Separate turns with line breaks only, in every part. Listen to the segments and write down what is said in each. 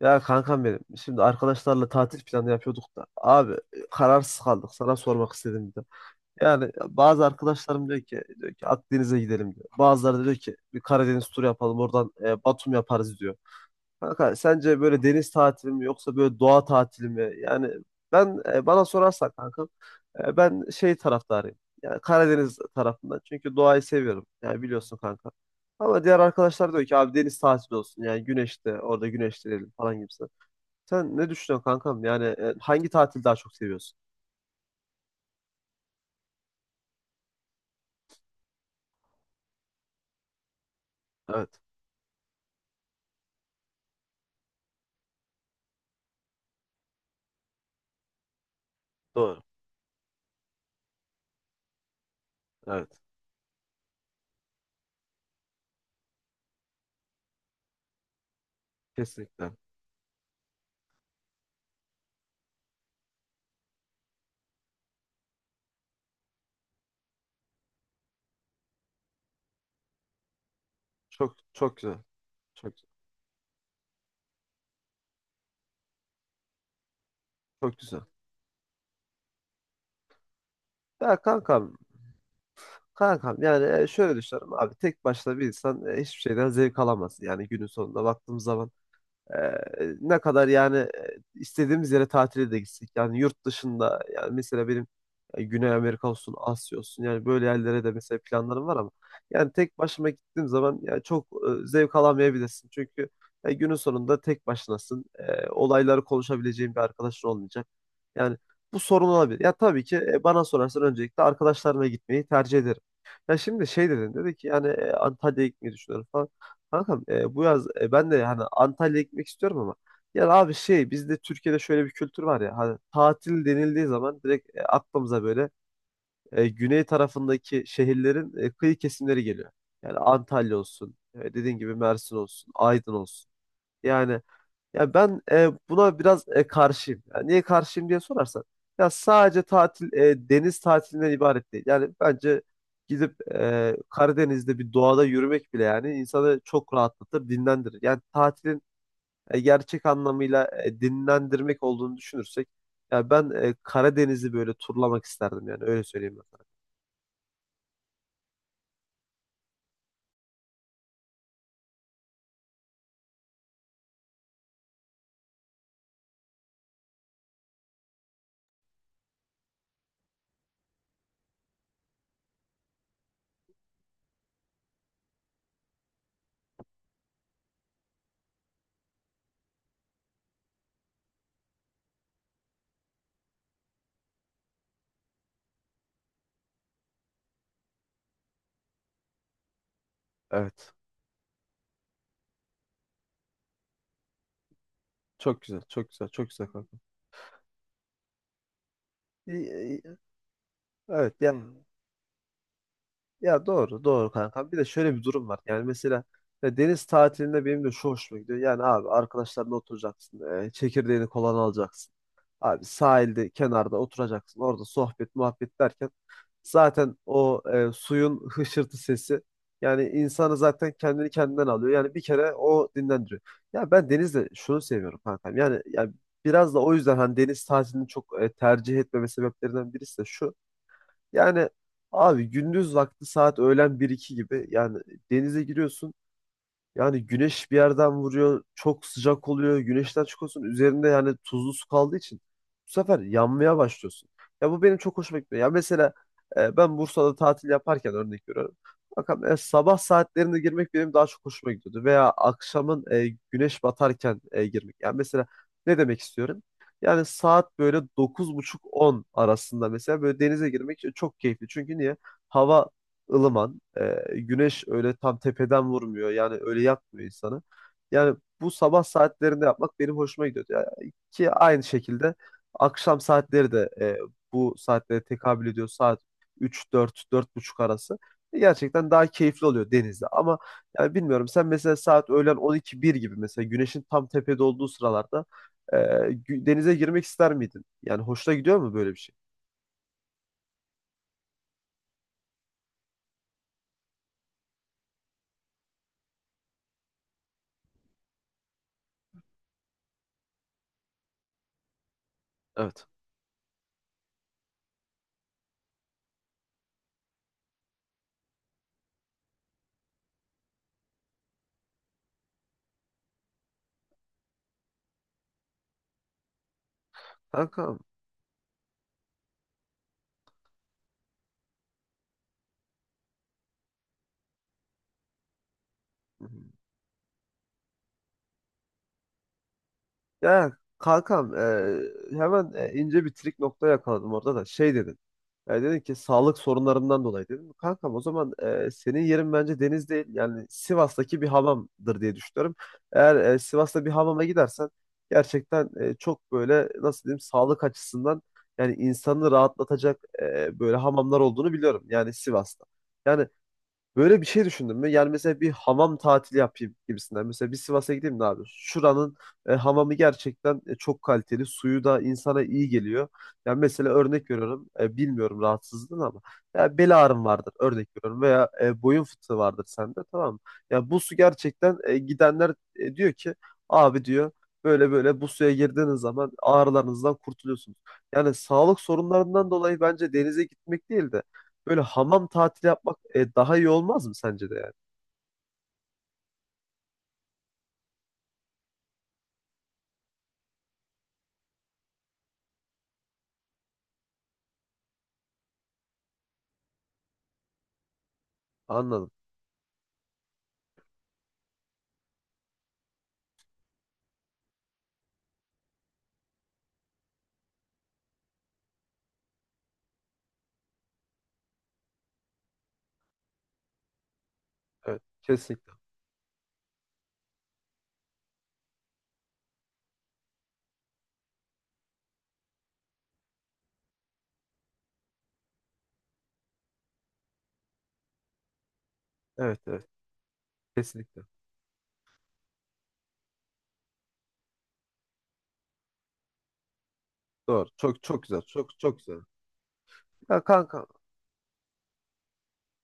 Ya kankam benim. Şimdi arkadaşlarla tatil planı yapıyorduk da. Abi kararsız kaldık. Sana sormak istedim bir de. Yani bazı arkadaşlarım diyor ki Akdeniz'e gidelim diyor. Bazıları da diyor ki bir Karadeniz turu yapalım. Oradan Batum yaparız diyor. Kanka sence böyle deniz tatili mi yoksa böyle doğa tatili mi? Yani bana sorarsan kankam, ben şey taraftarıyım. Yani Karadeniz tarafından. Çünkü doğayı seviyorum. Yani biliyorsun kanka. Ama diğer arkadaşlar diyor ki abi deniz tatili olsun. Yani güneşte orada güneşlenelim falan gibi. Sen ne düşünüyorsun kankam? Yani hangi tatili daha çok seviyorsun? Evet, doğru. Evet, kesinlikle. Çok çok güzel. Çok çok güzel. Ya kankam, kankam yani, şöyle düşünüyorum abi. Tek başına bir insan hiçbir şeyden zevk alamaz. Yani günün sonunda baktığımız zaman Ee, ne kadar yani, istediğimiz yere tatile de gitsek. Yani yurt dışında, yani mesela benim, Güney Amerika olsun, Asya olsun, yani böyle yerlere de mesela planlarım var. Ama yani tek başıma gittiğim zaman yani çok, zevk alamayabilirsin. Çünkü günün sonunda tek başınasın. Olayları konuşabileceğin bir arkadaşın olmayacak. Yani bu sorun olabilir. Ya tabii ki bana sorarsan öncelikle arkadaşlarımla gitmeyi tercih ederim. Ya şimdi şey dedi ki yani, Antalya'ya gitmeyi düşünüyorum falan. Kankam, bu yaz ben de hani Antalya'ya gitmek istiyorum. Ama ya abi şey, bizde Türkiye'de şöyle bir kültür var ya, hani tatil denildiği zaman direkt aklımıza böyle, güney tarafındaki şehirlerin kıyı kesimleri geliyor. Yani Antalya olsun, dediğin gibi Mersin olsun, Aydın olsun. Yani ya ben buna biraz karşıyım. Yani niye karşıyım diye sorarsan, ya sadece tatil deniz tatilinden ibaret değil. Yani bence gidip Karadeniz'de bir doğada yürümek bile yani insanı çok rahatlatır, dinlendirir. Yani tatilin gerçek anlamıyla dinlendirmek olduğunu düşünürsek, ya ben Karadeniz'i böyle turlamak isterdim, yani öyle söyleyeyim ben sana. Evet. Çok güzel, çok güzel, çok güzel kanka. İyi. Evet, yani ya doğru, doğru kanka. Bir de şöyle bir durum var. Yani mesela ya, deniz tatilinde benim de şu hoşuma gidiyor. Yani abi, arkadaşlarla oturacaksın, çekirdeğini kolan alacaksın. Abi sahilde, kenarda oturacaksın. Orada sohbet, muhabbet derken zaten o suyun hışırtı sesi yani insanı zaten kendini kendinden alıyor. Yani bir kere o dinlendiriyor. Ya ben denizde şunu seviyorum kankam. Yani, biraz da o yüzden hani deniz tatilini çok tercih etmeme sebeplerinden birisi de şu. Yani abi, gündüz vakti saat öğlen bir iki gibi yani denize giriyorsun. Yani güneş bir yerden vuruyor, çok sıcak oluyor, güneşten çıkıyorsun, üzerinde yani tuzlu su kaldığı için bu sefer yanmaya başlıyorsun. Ya bu benim çok hoşuma gitmiyor. Ya mesela ben Bursa'da tatil yaparken örnek veriyorum. Bakın, sabah saatlerinde girmek benim daha çok hoşuma gidiyordu. Veya akşamın güneş batarken girmek. Yani mesela ne demek istiyorum? Yani saat böyle buçuk 10 arasında mesela böyle denize girmek çok keyifli. Çünkü niye? Hava ılıman. Güneş öyle tam tepeden vurmuyor. Yani öyle yakmıyor insanı. Yani bu, sabah saatlerinde yapmak benim hoşuma gidiyordu. Yani ki aynı şekilde akşam saatleri de bu saatlere tekabül ediyor. Saat 3, 4, 4.30 arası. Gerçekten daha keyifli oluyor denizde. Ama yani bilmiyorum, sen mesela saat öğlen 12, 1 gibi, mesela güneşin tam tepede olduğu sıralarda denize girmek ister miydin? Yani hoşuna gidiyor mu böyle bir şey? Evet. Kanka. Ya kankam, hemen ince bir trik nokta yakaladım orada. Da şey dedin, yani dedin ki sağlık sorunlarından dolayı dedim. Kankam, o zaman senin yerin bence deniz değil, yani Sivas'taki bir hamamdır diye düşünüyorum. Eğer Sivas'ta bir hamama gidersen gerçekten çok, böyle nasıl diyeyim, sağlık açısından yani insanı rahatlatacak böyle hamamlar olduğunu biliyorum, yani Sivas'ta. Yani böyle bir şey düşündün mü? Yani mesela bir hamam tatili yapayım gibisinden. Mesela bir Sivas'a gideyim de abi. Şuranın hamamı gerçekten çok kaliteli. Suyu da insana iyi geliyor. Yani mesela örnek veriyorum. Bilmiyorum rahatsızlığın ama. Ya bel ağrım vardır örnek veriyorum. Veya boyun fıtığı vardır sende, tamam mı? Ya bu su gerçekten, gidenler diyor ki, abi diyor, böyle böyle bu suya girdiğiniz zaman ağrılarınızdan kurtuluyorsunuz. Yani sağlık sorunlarından dolayı bence denize gitmek değil de böyle hamam tatili yapmak daha iyi olmaz mı sence de, yani? Anladım. Evet, kesinlikle. Evet, evet, kesinlikle. Doğru. Çok çok güzel. Çok çok güzel. Ya kanka,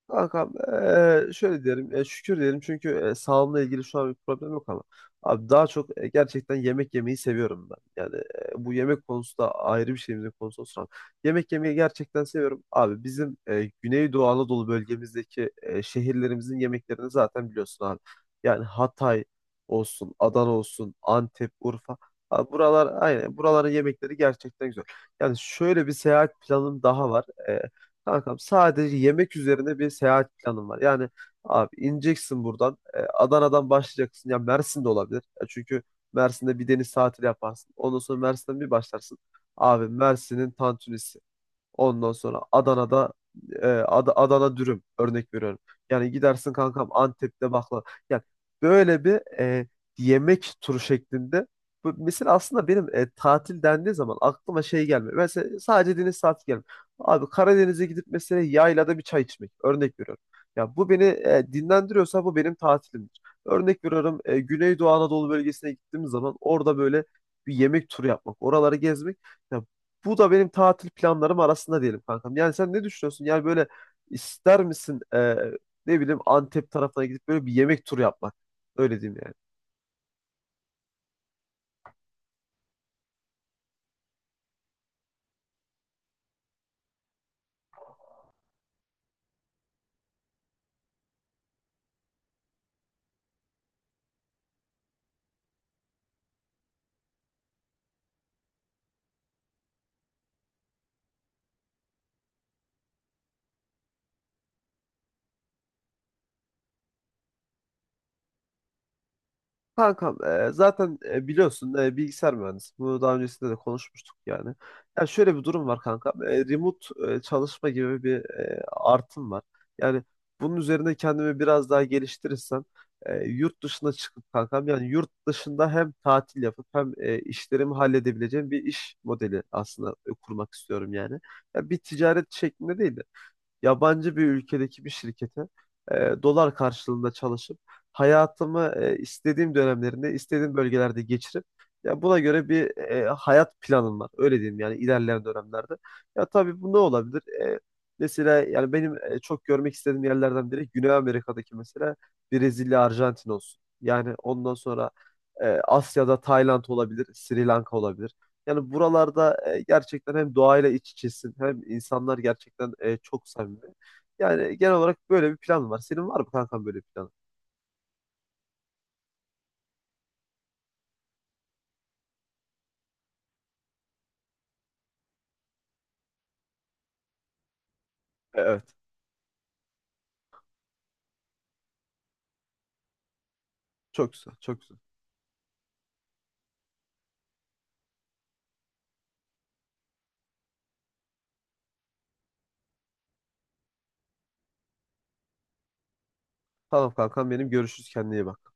kankam, şöyle diyelim, şükür diyelim, çünkü sağlığımla ilgili şu an bir problem yok. Ama abi, daha çok, gerçekten yemek yemeyi seviyorum ben. Yani bu yemek konusu da ayrı bir şeyimizin konusu olsun. Ama yemek yemeyi gerçekten seviyorum. Abi bizim Güneydoğu Anadolu bölgemizdeki şehirlerimizin yemeklerini zaten biliyorsun abi. Yani Hatay olsun, Adana olsun, Antep, Urfa. Abi buralar, aynen buraların yemekleri gerçekten güzel. Yani şöyle bir seyahat planım daha var. Kankam, sadece yemek üzerine bir seyahat planım var. Yani abi ineceksin buradan, Adana'dan başlayacaksın. Ya Mersin'de olabilir. Ya çünkü Mersin'de bir deniz tatili yaparsın. Ondan sonra Mersin'den bir başlarsın. Abi Mersin'in tantunisi. Ondan sonra Adana'da Adana dürüm, örnek veriyorum. Yani gidersin kankam Antep'te baklava. Yani böyle bir, e, yemek turu şeklinde. Bu, mesela aslında benim, tatil dendiği zaman aklıma şey gelmiyor. Mesela sadece deniz tatili gelmiyor. Abi Karadeniz'e gidip mesela yaylada bir çay içmek, örnek veriyorum. Ya bu beni dinlendiriyorsa bu benim tatilimdir. Örnek veriyorum, Güneydoğu Anadolu bölgesine gittiğim zaman orada böyle bir yemek turu yapmak, oraları gezmek. Ya bu da benim tatil planlarım arasında diyelim kankam. Yani sen ne düşünüyorsun? Yani böyle, ister misin ne bileyim, Antep tarafına gidip böyle bir yemek turu yapmak? Öyle diyeyim yani. Kankam, zaten biliyorsun, bilgisayar mühendisi. Bunu daha öncesinde de konuşmuştuk yani. Ya şöyle bir durum var kankam. Remote çalışma gibi bir artım var. Yani bunun üzerine kendimi biraz daha geliştirirsem, yurt dışına çıkıp kankam, yani yurt dışında hem tatil yapıp hem işlerimi halledebileceğim bir iş modeli aslında kurmak istiyorum yani. Ya bir ticaret şeklinde değil de yabancı bir ülkedeki bir şirkete dolar karşılığında çalışıp hayatımı istediğim dönemlerinde istediğim bölgelerde geçirip, ya buna göre bir hayat planım var. Öyle diyeyim yani, ilerleyen dönemlerde. Ya tabii, bu ne olabilir? E, Mesela yani benim, çok görmek istediğim yerlerden biri Güney Amerika'daki mesela Brezilya, Arjantin olsun. Yani ondan sonra Asya'da Tayland olabilir, Sri Lanka olabilir. Yani buralarda gerçekten hem doğayla iç içesin hem insanlar gerçekten çok samimi. Yani genel olarak böyle bir plan var. Senin var mı kankam böyle bir planın? Evet. Çok güzel, çok güzel. Tamam kankam benim, görüşürüz, kendine iyi bak.